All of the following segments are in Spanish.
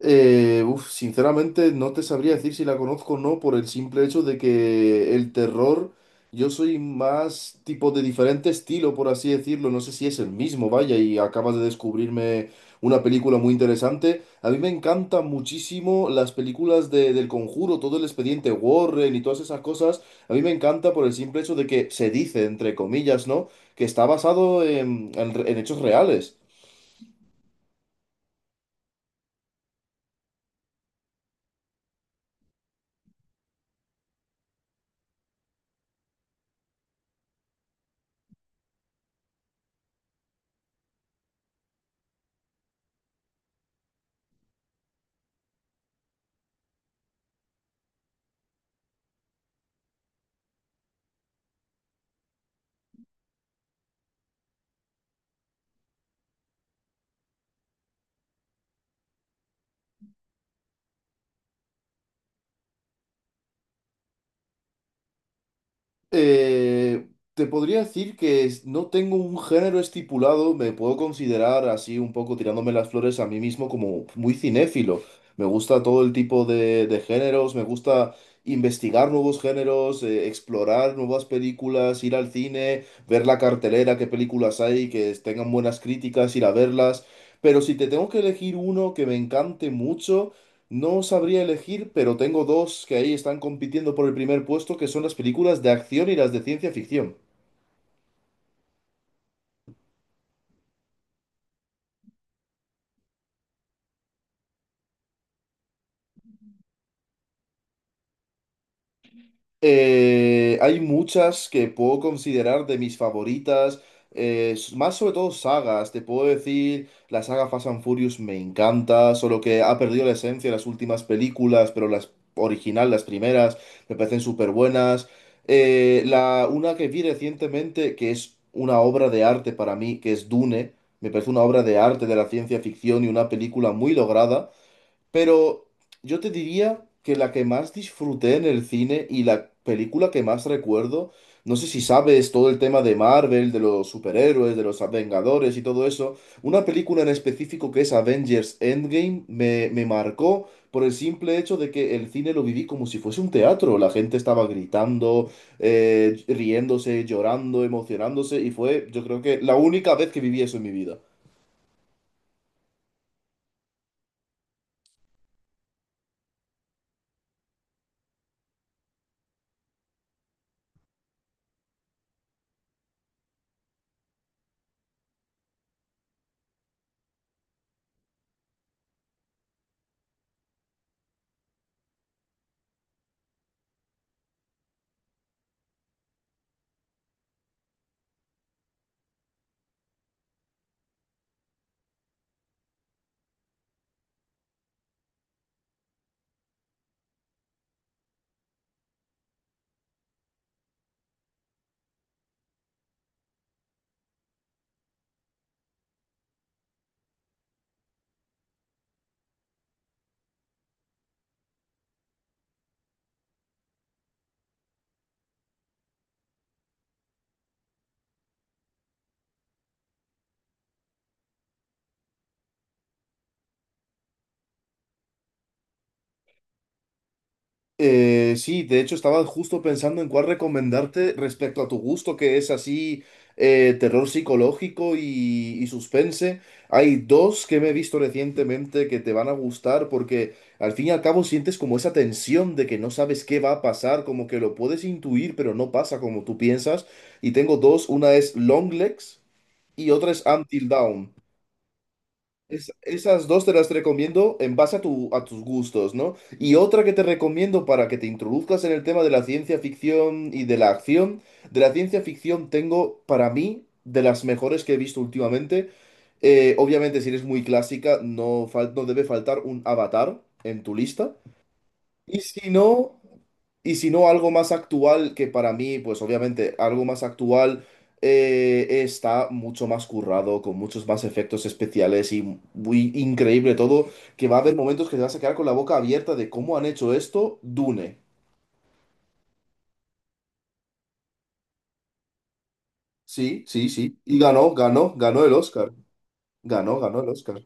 Sinceramente no te sabría decir si la conozco o no por el simple hecho de que el terror, yo soy más tipo de diferente estilo, por así decirlo. No sé si es el mismo, vaya, y acabas de descubrirme una película muy interesante. A mí me encantan muchísimo las películas del Conjuro, todo el expediente Warren y todas esas cosas. A mí me encanta por el simple hecho de que se dice, entre comillas, ¿no? Que está basado en hechos reales. Eh, te podría decir que no tengo un género estipulado, me puedo considerar así un poco tirándome las flores a mí mismo como muy cinéfilo. Me gusta todo el tipo de géneros, me gusta investigar nuevos géneros, explorar nuevas películas, ir al cine, ver la cartelera, qué películas hay, que tengan buenas críticas, ir a verlas. Pero si te tengo que elegir uno que me encante mucho, no sabría elegir, pero tengo dos que ahí están compitiendo por el primer puesto, que son las películas de acción y las de ciencia ficción. Hay muchas que puedo considerar de mis favoritas, más sobre todo sagas. Te puedo decir, la saga Fast and Furious me encanta, solo que ha perdido la esencia de las últimas películas, pero las originales, las primeras, me parecen súper buenas. Una que vi recientemente, que es una obra de arte para mí, que es Dune, me parece una obra de arte de la ciencia ficción y una película muy lograda. Pero yo te diría que la que más disfruté en el cine y la película que más recuerdo, no sé si sabes todo el tema de Marvel, de los superhéroes, de los Vengadores y todo eso, una película en específico que es Avengers Endgame me marcó por el simple hecho de que el cine lo viví como si fuese un teatro. La gente estaba gritando, riéndose, llorando, emocionándose y fue, yo creo que la única vez que viví eso en mi vida. Sí, de hecho estaba justo pensando en cuál recomendarte respecto a tu gusto, que es así terror psicológico y suspense. Hay dos que me he visto recientemente que te van a gustar porque al fin y al cabo sientes como esa tensión de que no sabes qué va a pasar, como que lo puedes intuir, pero no pasa como tú piensas. Y tengo dos, una es Long Legs y otra es Until Dawn. Esas dos te las recomiendo en base a tus gustos, ¿no? Y otra que te recomiendo para que te introduzcas en el tema de la ciencia ficción y de la acción. De la ciencia ficción tengo, para mí, de las mejores que he visto últimamente. Obviamente, si eres muy clásica, no, no debe faltar un Avatar en tu lista. Y si no, algo más actual, que para mí, pues obviamente, algo más actual está mucho más currado, con muchos más efectos especiales y muy increíble todo, que va a haber momentos que te vas a quedar con la boca abierta de cómo han hecho esto, Dune. Sí, sí, sí. Y ganó, ganó el Oscar. Ganó, ganó el Oscar.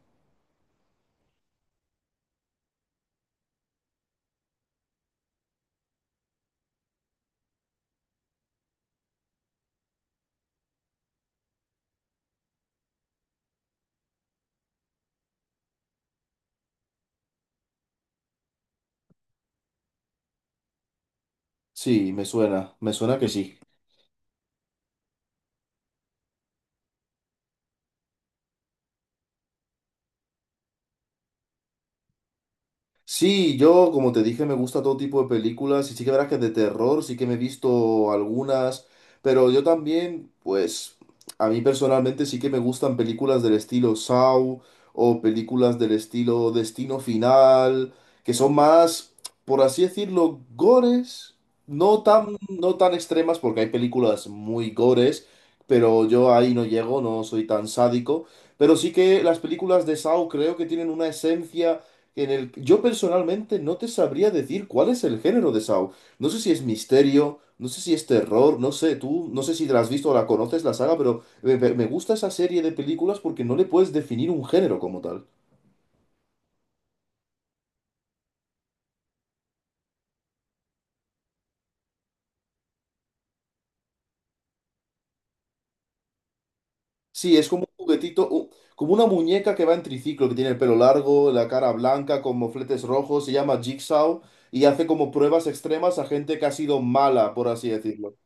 Sí, me suena que sí. Sí, yo, como te dije, me gusta todo tipo de películas y sí que verás que de terror sí que me he visto algunas, pero yo también, pues, a mí personalmente sí que me gustan películas del estilo Saw o películas del estilo Destino Final, que son más, por así decirlo, gores, no tan extremas, porque hay películas muy gores, pero yo ahí no llego, no soy tan sádico, pero sí que las películas de Saw creo que tienen una esencia en el, yo personalmente no te sabría decir cuál es el género de Saw. No sé si es misterio, no sé si es terror, no sé, tú, no sé si la has visto o la conoces la saga, pero me gusta esa serie de películas porque no le puedes definir un género como tal. Sí, es como un juguetito, como una muñeca que va en triciclo, que tiene el pelo largo, la cara blanca, con mofletes rojos, se llama Jigsaw y hace como pruebas extremas a gente que ha sido mala, por así decirlo.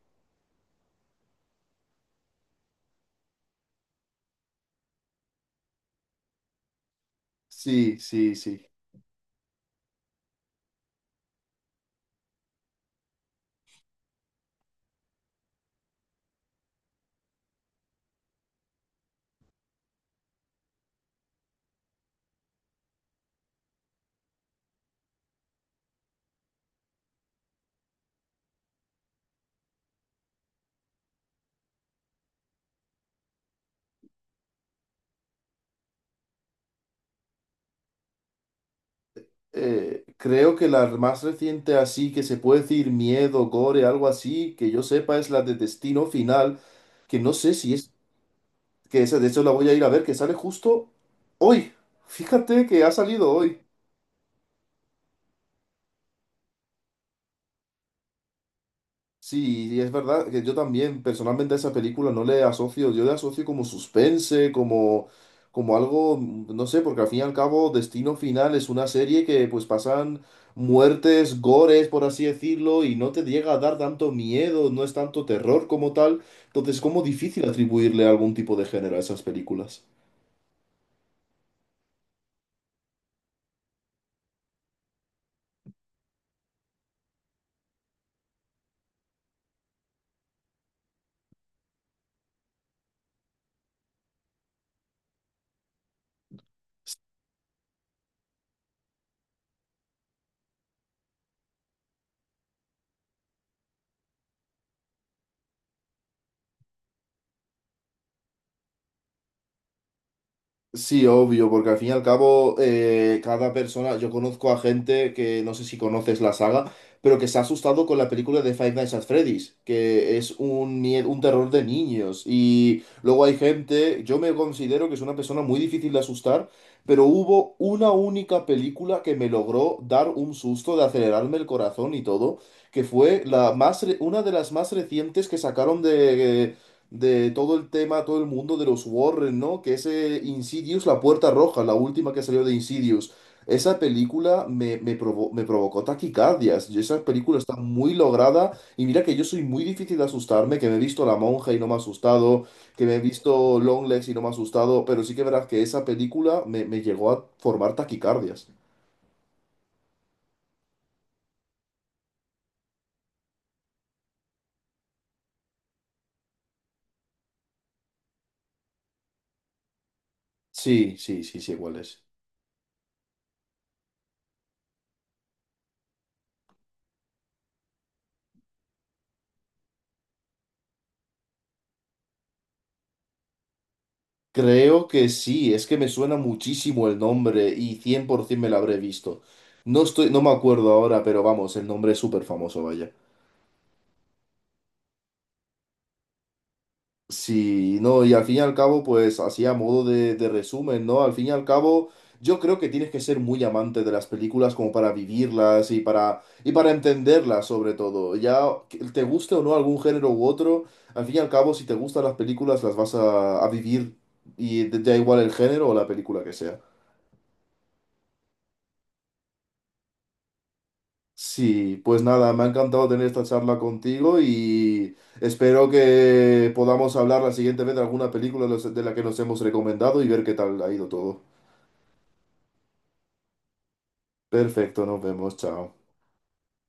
Sí, sí, sí. Creo que la más reciente así, que se puede decir miedo, gore, algo así, que yo sepa es la de Destino Final, que no sé si es, que esa de hecho la voy a ir a ver, que sale justo hoy. Fíjate que ha salido hoy. Sí, y es verdad que yo también personalmente a esa película no le asocio, yo le asocio como suspense, como, como algo, no sé, porque al fin y al cabo Destino Final es una serie que pues pasan muertes, gores, por así decirlo, y no te llega a dar tanto miedo, no es tanto terror como tal, entonces es como difícil atribuirle algún tipo de género a esas películas. Sí, obvio, porque al fin y al cabo cada persona, yo conozco a gente que no sé si conoces la saga, pero que se ha asustado con la película de Five Nights at Freddy's, que es un, un terror de niños. Y luego hay gente, yo me considero que es una persona muy difícil de asustar, pero hubo una única película que me logró dar un susto de acelerarme el corazón y todo, que fue la más, una de las más recientes que sacaron de todo el tema, todo el mundo de los Warren, ¿no? Que ese Insidious, La Puerta Roja, la última que salió de Insidious. Esa película me provocó taquicardias. Y esa película está muy lograda. Y mira que yo soy muy difícil de asustarme, que me he visto La Monja y no me ha asustado, que me he visto Longlegs y no me ha asustado. Pero sí que verás que esa película me llegó a formar taquicardias. Sí, sí, sí, sí, igual es. Creo que sí, es que me suena muchísimo el nombre y 100% me lo habré visto. No me acuerdo ahora, pero vamos, el nombre es súper famoso, vaya. Sí, no, y al fin y al cabo, pues así a modo de resumen, ¿no? Al fin y al cabo, yo creo que tienes que ser muy amante de las películas como para vivirlas y para entenderlas sobre todo. Ya que te guste o no algún género u otro, al fin y al cabo, si te gustan las películas, las vas a vivir y da igual el género o la película que sea. Sí, pues nada, me ha encantado tener esta charla contigo y espero que podamos hablar la siguiente vez de alguna película de de la que nos hemos recomendado y ver qué tal ha ido todo. Perfecto, nos vemos, chao.